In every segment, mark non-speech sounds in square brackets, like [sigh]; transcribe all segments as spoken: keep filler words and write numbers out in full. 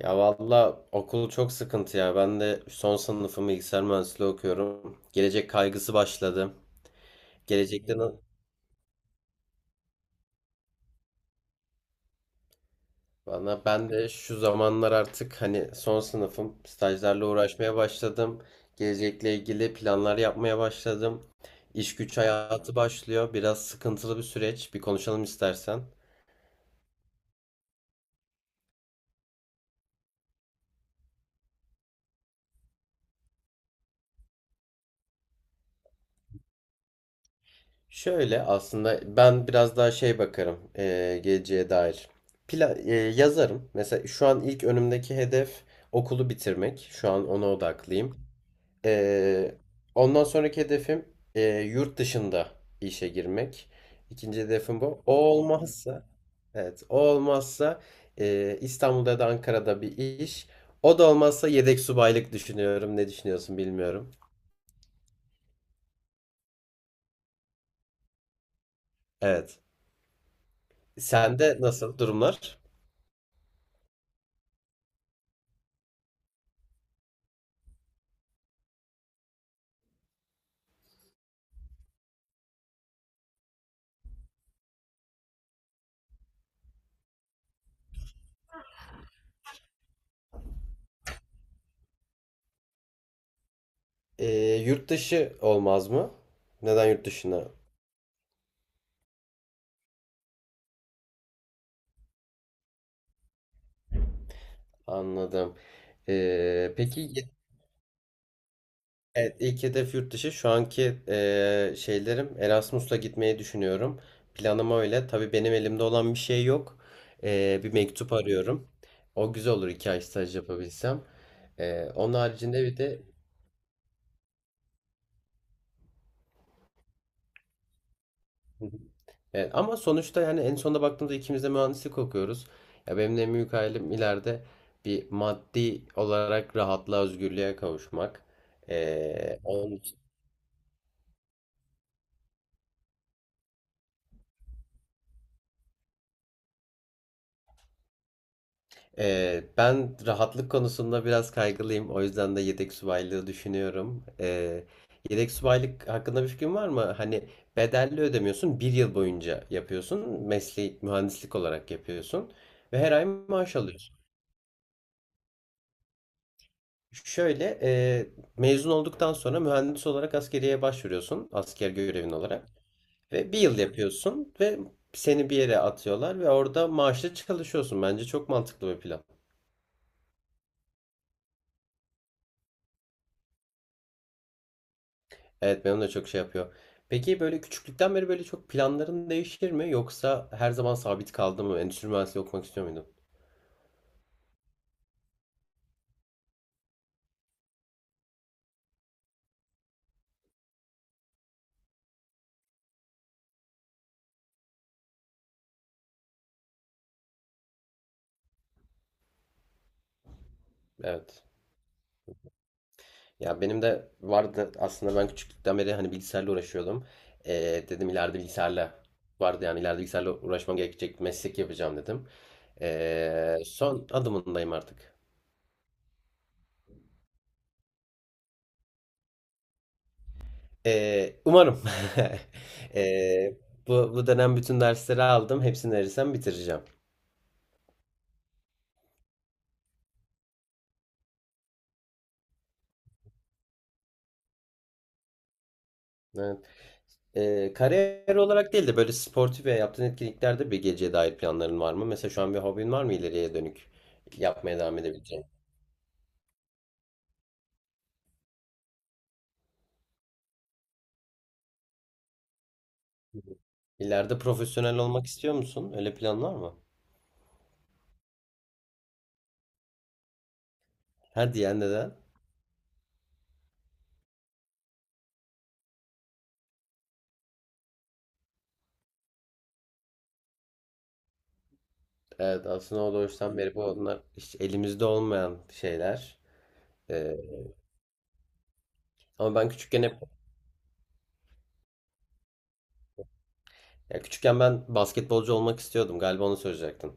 Ya valla okul çok sıkıntı ya. Ben de son sınıfım, bilgisayar mühendisliği okuyorum. Gelecek kaygısı başladı. Gelecekte na- bana Ben de şu zamanlar artık hani son sınıfım, stajlarla uğraşmaya başladım. Gelecekle ilgili planlar yapmaya başladım. İş güç hayatı başlıyor. Biraz sıkıntılı bir süreç. Bir konuşalım istersen. Şöyle, aslında ben biraz daha şey bakarım eee, geleceğe dair plan eee, yazarım. Mesela şu an ilk önümdeki hedef okulu bitirmek. Şu an ona odaklıyım. Eee, Ondan sonraki hedefim eee, yurt dışında işe girmek. İkinci hedefim bu. O olmazsa, evet, o olmazsa eee, İstanbul'da ya da Ankara'da bir iş. O da olmazsa yedek subaylık düşünüyorum. Ne düşünüyorsun bilmiyorum. Evet. Sende nasıl durumlar? Ee, Yurt dışı olmaz mı? Neden yurt dışına? Anladım. Ee, peki y- evet, ilk hedef yurt dışı. Şu anki e, şeylerim Erasmus'la gitmeyi düşünüyorum. Planım öyle. Tabii benim elimde olan bir şey yok. Ee, bir mektup arıyorum. O güzel olur, iki ay staj yapabilsem. Ee, onun haricinde bir de [laughs] evet, ama sonuçta yani en sonunda baktığımızda ikimiz de mühendislik okuyoruz. Ya benim de en büyük hayalim, ileride bir maddi olarak rahatlığa, özgürlüğe kavuşmak. Ee, onun, Ee, ben rahatlık konusunda biraz kaygılıyım. O yüzden de yedek subaylığı düşünüyorum. Ee, yedek subaylık hakkında bir fikrin var mı? Hani bedelli ödemiyorsun, bir yıl boyunca yapıyorsun. Mesleği mühendislik olarak yapıyorsun. Ve her ay maaş alıyorsun. Şöyle, e, mezun olduktan sonra mühendis olarak askeriye başvuruyorsun, asker görevin olarak, ve bir yıl yapıyorsun ve seni bir yere atıyorlar ve orada maaşlı çalışıyorsun. Bence çok mantıklı bir plan. Evet, benim de çok şey yapıyor. Peki böyle küçüklükten beri böyle çok planların değişir mi, yoksa her zaman sabit kaldı mı? Endüstri mühendisliği okumak istiyor muydun? Evet. Ya benim de vardı aslında, ben küçüklükten beri hani bilgisayarla uğraşıyordum. E, Dedim, ileride bilgisayarla vardı yani, ileride bilgisayarla uğraşmam gerekecek, meslek yapacağım dedim. Ee, son adımındayım artık. Ee, umarım. [laughs] Ee, bu, bu dönem bütün dersleri aldım. Hepsini verirsem bitireceğim. Evet. Ee, kariyer olarak değil de böyle sportif veya yaptığın etkinliklerde bir geceye dair planların var mı? Mesela şu an bir hobin var mı, ileriye dönük yapmaya devam edebileceğin? İleride profesyonel olmak istiyor musun? Öyle planın var mı? Hadi ya, neden? Evet, aslında o doğuştan beri bu, onlar hiç elimizde olmayan şeyler. Ee, Ama ben küçükken hep, ya küçükken ben basketbolcu olmak istiyordum. Galiba onu söyleyecektin.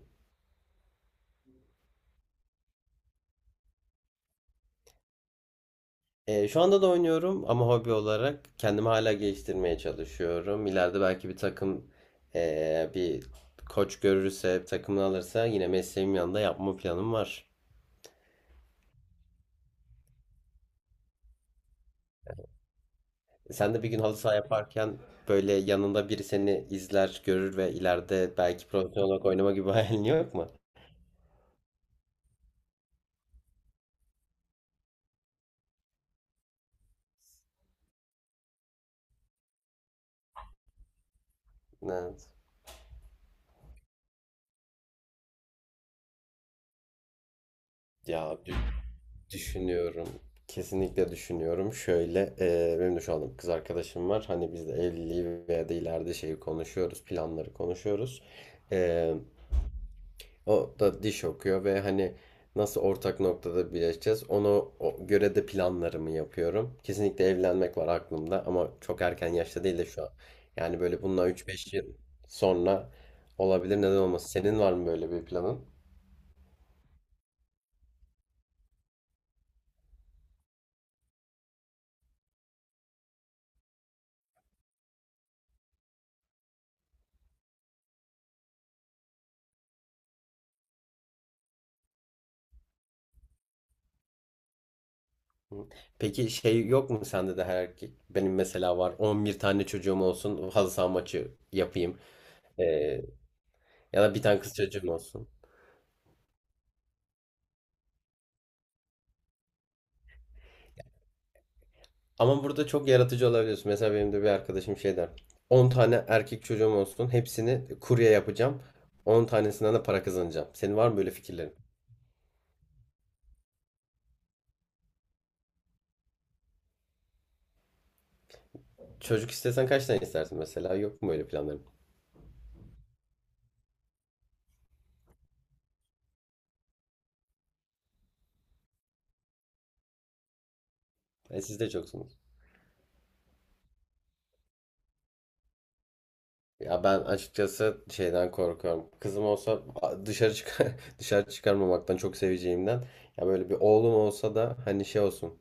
Ee, şu anda da oynuyorum ama hobi olarak kendimi hala geliştirmeye çalışıyorum. İleride belki bir takım, ee, bir koç görürse, takımını alırsa, yine mesleğim yanında yapma planım var. Sen de bir gün halı saha yaparken böyle yanında biri seni izler, görür ve ileride belki profesyonel olarak oynama gibi [laughs] bir hayalin yok mu? Evet. Ya Düşünüyorum. Kesinlikle düşünüyorum. Şöyle, e, benim de şu anda bir kız arkadaşım var. Hani biz de evliliği veya da ileride şeyi konuşuyoruz. Planları konuşuyoruz. E, O da diş okuyor ve hani nasıl ortak noktada birleşeceğiz. Ona o- göre de planlarımı yapıyorum. Kesinlikle evlenmek var aklımda, ama çok erken yaşta değil de şu an. Yani böyle bundan üç beş yıl sonra olabilir. Neden olmasın? Senin var mı böyle bir planın? Peki şey yok mu sende de, her erkek? Benim mesela var, on bir tane çocuğum olsun, halı saha maçı yapayım. Ee, Ya da bir tane kız çocuğum olsun. Ama burada çok yaratıcı olabiliyorsun. Mesela benim de bir arkadaşım şey der. on tane erkek çocuğum olsun, hepsini kurye yapacağım. on tanesinden de para kazanacağım. Senin var mı böyle fikirlerin? Çocuk istesen kaç tane istersin mesela? Yok mu öyle planların? E, siz de çoksunuz. Ya ben açıkçası şeyden korkuyorum. Kızım olsa, a- dışarı çıkar [laughs] dışarı çıkarmamaktan, çok seveceğimden. Ya böyle bir oğlum olsa da hani şey olsun,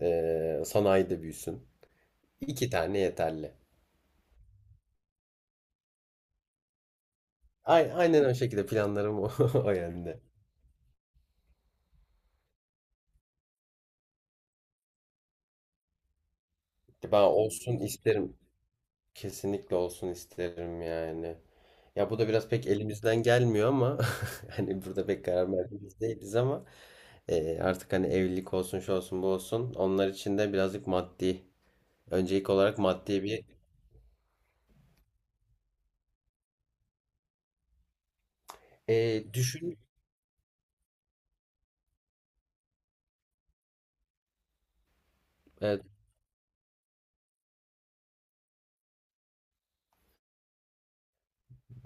eee, sanayide büyüsün. İki tane yeterli. Ay- Aynen o şekilde planlarım, o, [laughs] o yönde. Ben olsun isterim. Kesinlikle olsun isterim yani. Ya bu da biraz pek elimizden gelmiyor ama [laughs] hani burada pek karar verdiğimiz değiliz, ama eee, artık hani evlilik olsun, şu olsun, bu olsun, onlar için de birazcık maddi, öncelik olarak maddi bir e, düşün. Evet,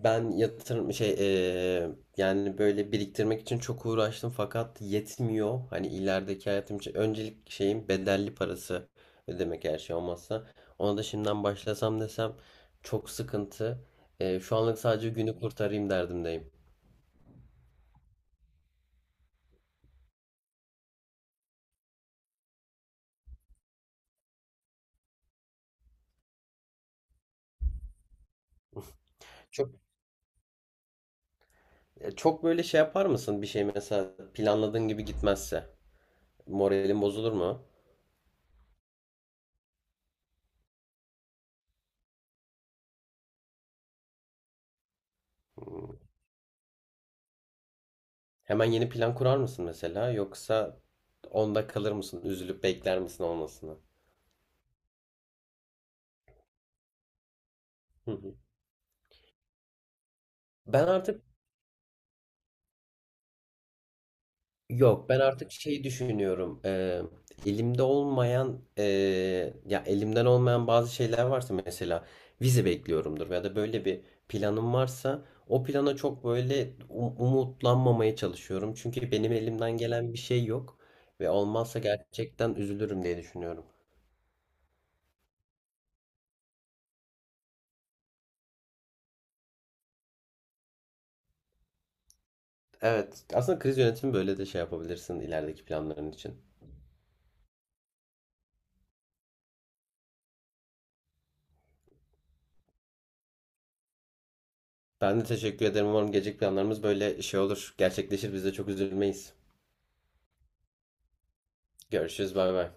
ben yatırım şey e, yani böyle biriktirmek için çok uğraştım fakat yetmiyor. Hani ilerideki hayatım için öncelik şeyim, bedelli parası ödemek, her şey olmazsa. Ona da şimdiden başlasam desem çok sıkıntı. E, şu anlık sadece günü kurtarayım derdimdeyim. Çok e, çok böyle şey yapar mısın, bir şey mesela planladığın gibi gitmezse? Moralin bozulur mu? Hemen yeni plan kurar mısın mesela, yoksa onda kalır mısın, üzülüp bekler misin olmasını? Hı hı. Ben artık yok, ben artık şeyi düşünüyorum. Eee, elimde olmayan, eee, ya elimden olmayan bazı şeyler varsa, mesela vize bekliyorumdur ya da böyle bir planım varsa, o plana çok böyle um- umutlanmamaya çalışıyorum. Çünkü benim elimden gelen bir şey yok ve olmazsa gerçekten üzülürüm diye düşünüyorum. Evet, aslında kriz yönetimi böyle de şey yapabilirsin ilerideki planların için. Ben de teşekkür ederim. Umarım gelecek planlarımız böyle şey olur. Gerçekleşir. Biz de çok üzülmeyiz. Görüşürüz. Bay bay.